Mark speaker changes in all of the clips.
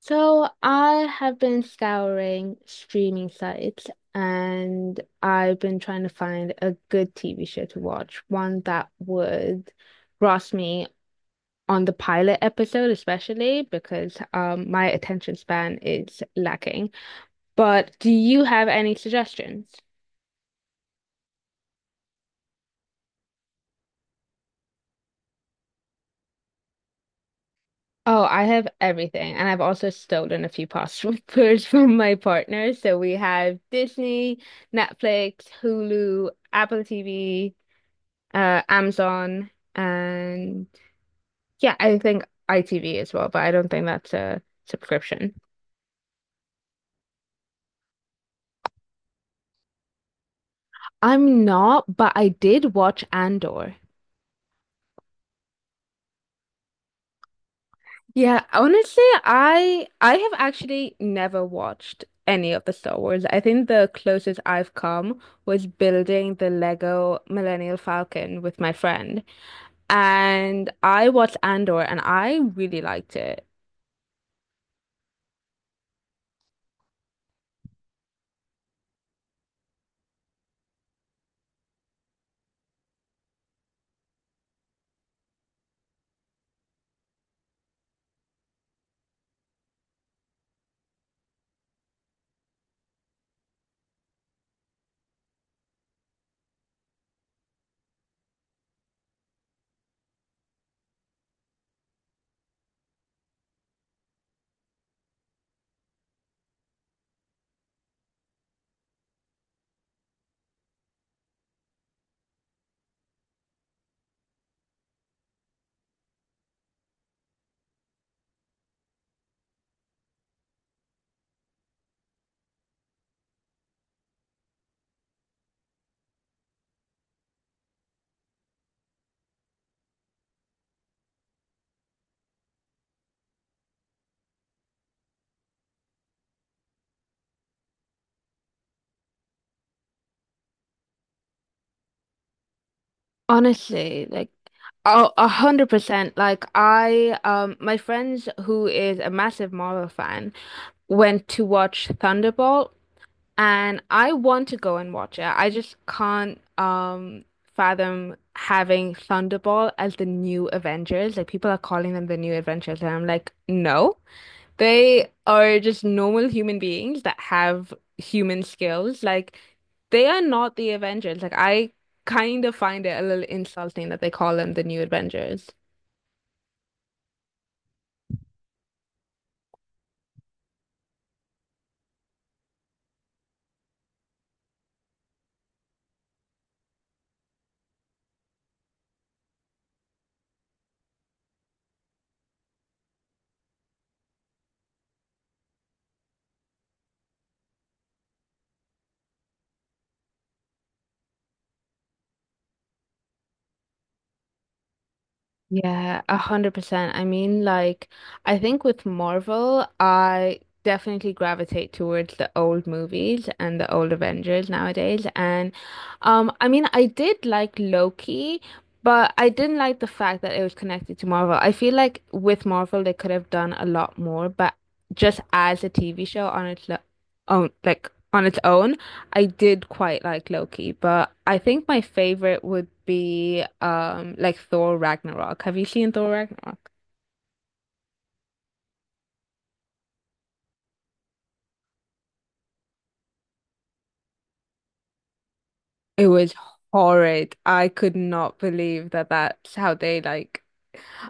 Speaker 1: So I have been scouring streaming sites, and I've been trying to find a good TV show to watch, one that would grasp me on the pilot episode, especially because my attention span is lacking. But do you have any suggestions? Oh, I have everything. And I've also stolen a few passwords from my partner. So we have Disney, Netflix, Hulu, Apple TV, Amazon, and yeah, I think ITV as well, but I don't think that's a subscription. I'm not, but I did watch Andor. Yeah, honestly, I have actually never watched any of the Star Wars. I think the closest I've come was building the Lego Millennial Falcon with my friend, and I watched Andor and I really liked it. Honestly, like, a hundred percent. Like I, my friends who is a massive Marvel fan went to watch Thunderbolt, and I want to go and watch it. I just can't fathom having Thunderbolt as the new Avengers. Like, people are calling them the new Avengers, and I'm like, no. They are just normal human beings that have human skills. Like, they are not the Avengers. Like, I kind of find it a little insulting that they call them the new Avengers. Yeah, 100%. I mean, like, I think with Marvel, I definitely gravitate towards the old movies and the old Avengers nowadays. And I mean, I did like Loki, but I didn't like the fact that it was connected to Marvel. I feel like with Marvel, they could have done a lot more, but just as a TV show on its own, like on its own. I did quite like Loki, but I think my favorite would be like Thor Ragnarok. Have you seen Thor Ragnarok? It was horrid. I could not believe that that's how they like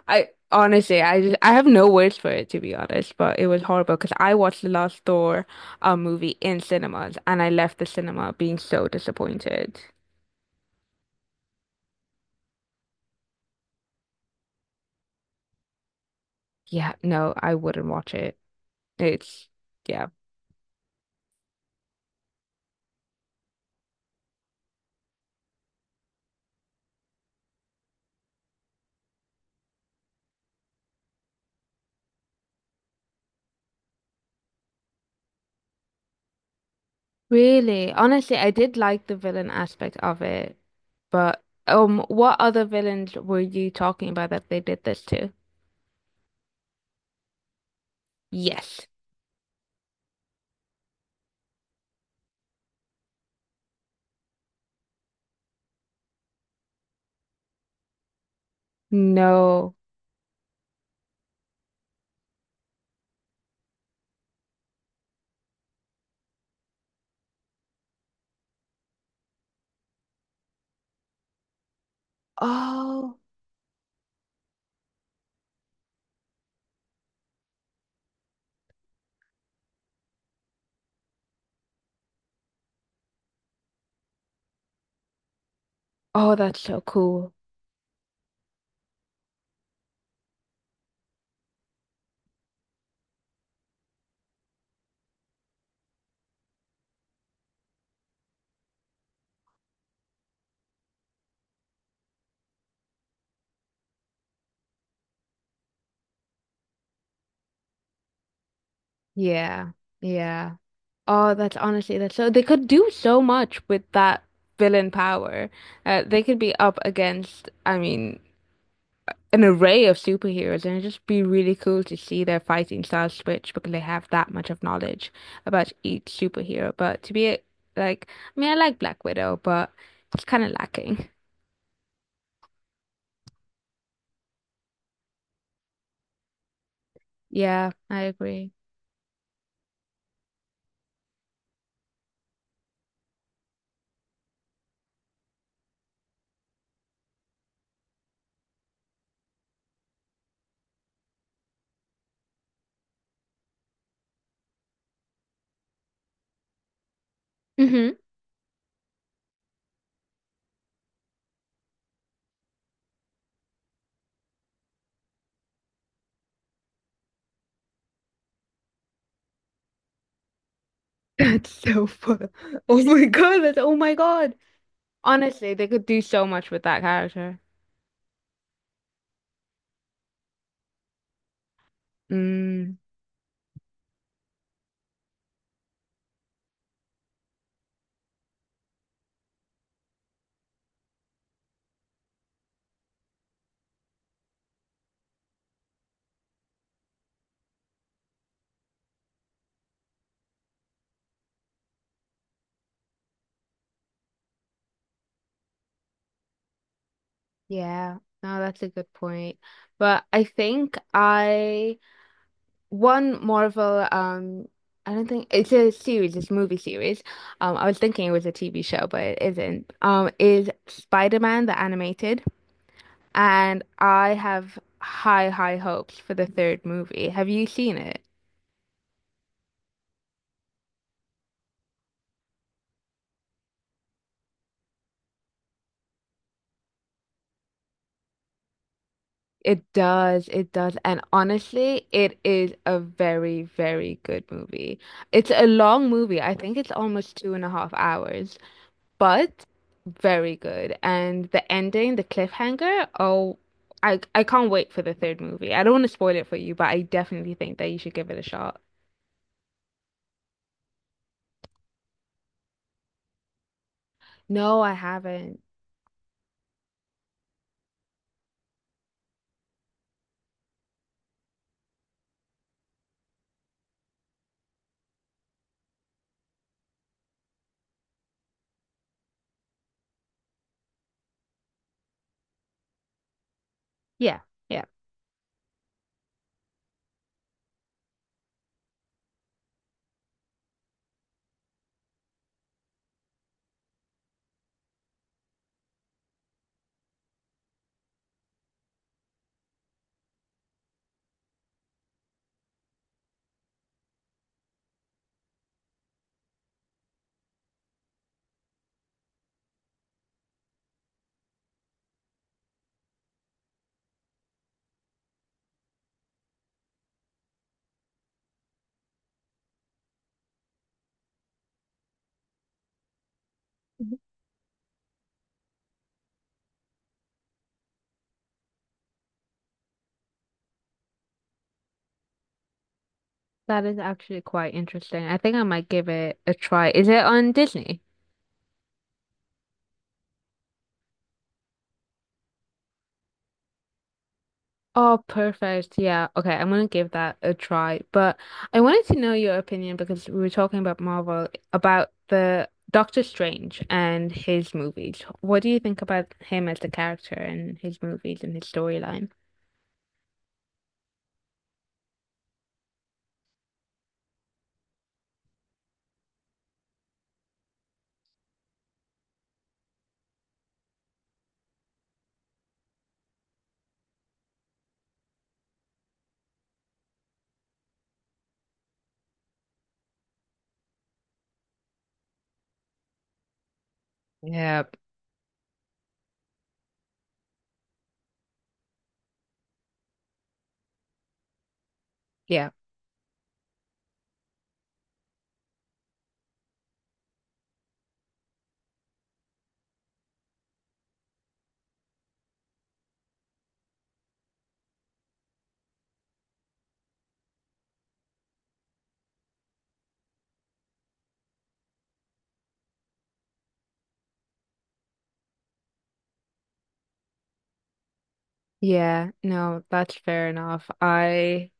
Speaker 1: I honestly I just, I have no words for it, to be honest, but it was horrible because I watched the last Thor movie in cinemas and I left the cinema being so disappointed. Yeah, no, I wouldn't watch it. It's yeah. Really? Honestly, I did like the villain aspect of it, but what other villains were you talking about that they did this to? Yes. No. Oh. Oh, that's so cool. Yeah. Yeah. Oh, that's honestly that's so they could do so much with that villain power. They could be up against, I mean, an array of superheroes, and it'd just be really cool to see their fighting styles switch because they have that much of knowledge about each superhero. But to like, I mean, I like Black Widow, but it's kind of lacking. Yeah, I agree. Hmm. That's so fun. Oh my God, that's oh my God. Honestly, they could do so much with that character. Mm, yeah, no, that's a good point. But I think I. one Marvel, I don't think it's a series, it's a movie series. I was thinking it was a TV show, but it isn't. Is Spider-Man the animated, and I have high, high hopes for the third movie. Have you seen it? It does, and honestly, it is a very, very good movie. It's a long movie. I think it's almost 2.5 hours, but very good. And the ending, the cliffhanger, oh, I can't wait for the third movie. I don't want to spoil it for you, but I definitely think that you should give it a shot. No, I haven't. Yeah, yeah. Mhm. That is actually quite interesting. I think I might give it a try. Is it on Disney? Oh, perfect. Yeah. Okay, I'm gonna give that a try. But I wanted to know your opinion because we were talking about Marvel, about the Doctor Strange and his movies. What do you think about him as the character and his movies and his storyline? Yeah, yeah. Yeah, no, that's fair enough. I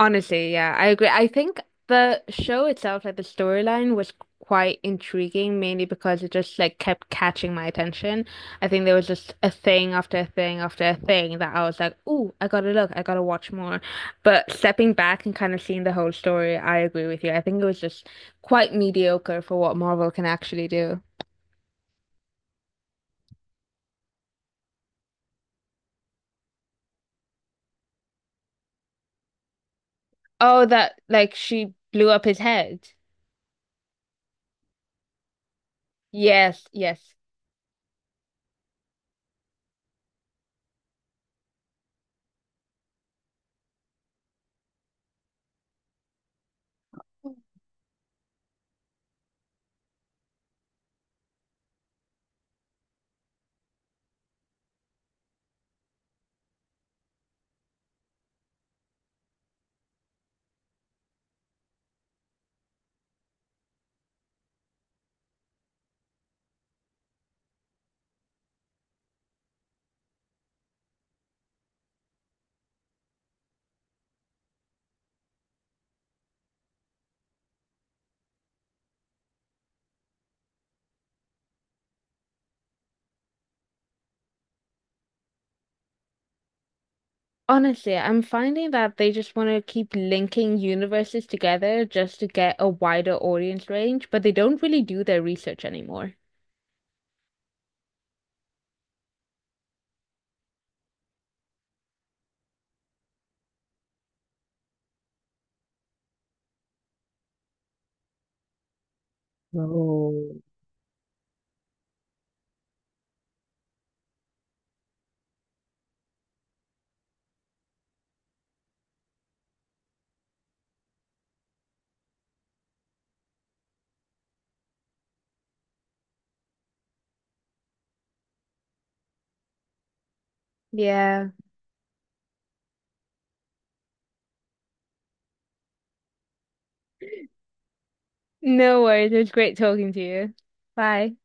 Speaker 1: honestly, yeah, I agree. I think the show itself, like the storyline, was quite intriguing, mainly because it just like kept catching my attention. I think there was just a thing after a thing after a thing that I was like, "Ooh, I gotta look, I gotta watch more." But stepping back and kind of seeing the whole story, I agree with you. I think it was just quite mediocre for what Marvel can actually do. Oh, that like she blew up his head. Yes, yes. Honestly, I'm finding that they just want to keep linking universes together just to get a wider audience range, but they don't really do their research anymore. Yeah. No worries. It was great talking to you. Bye.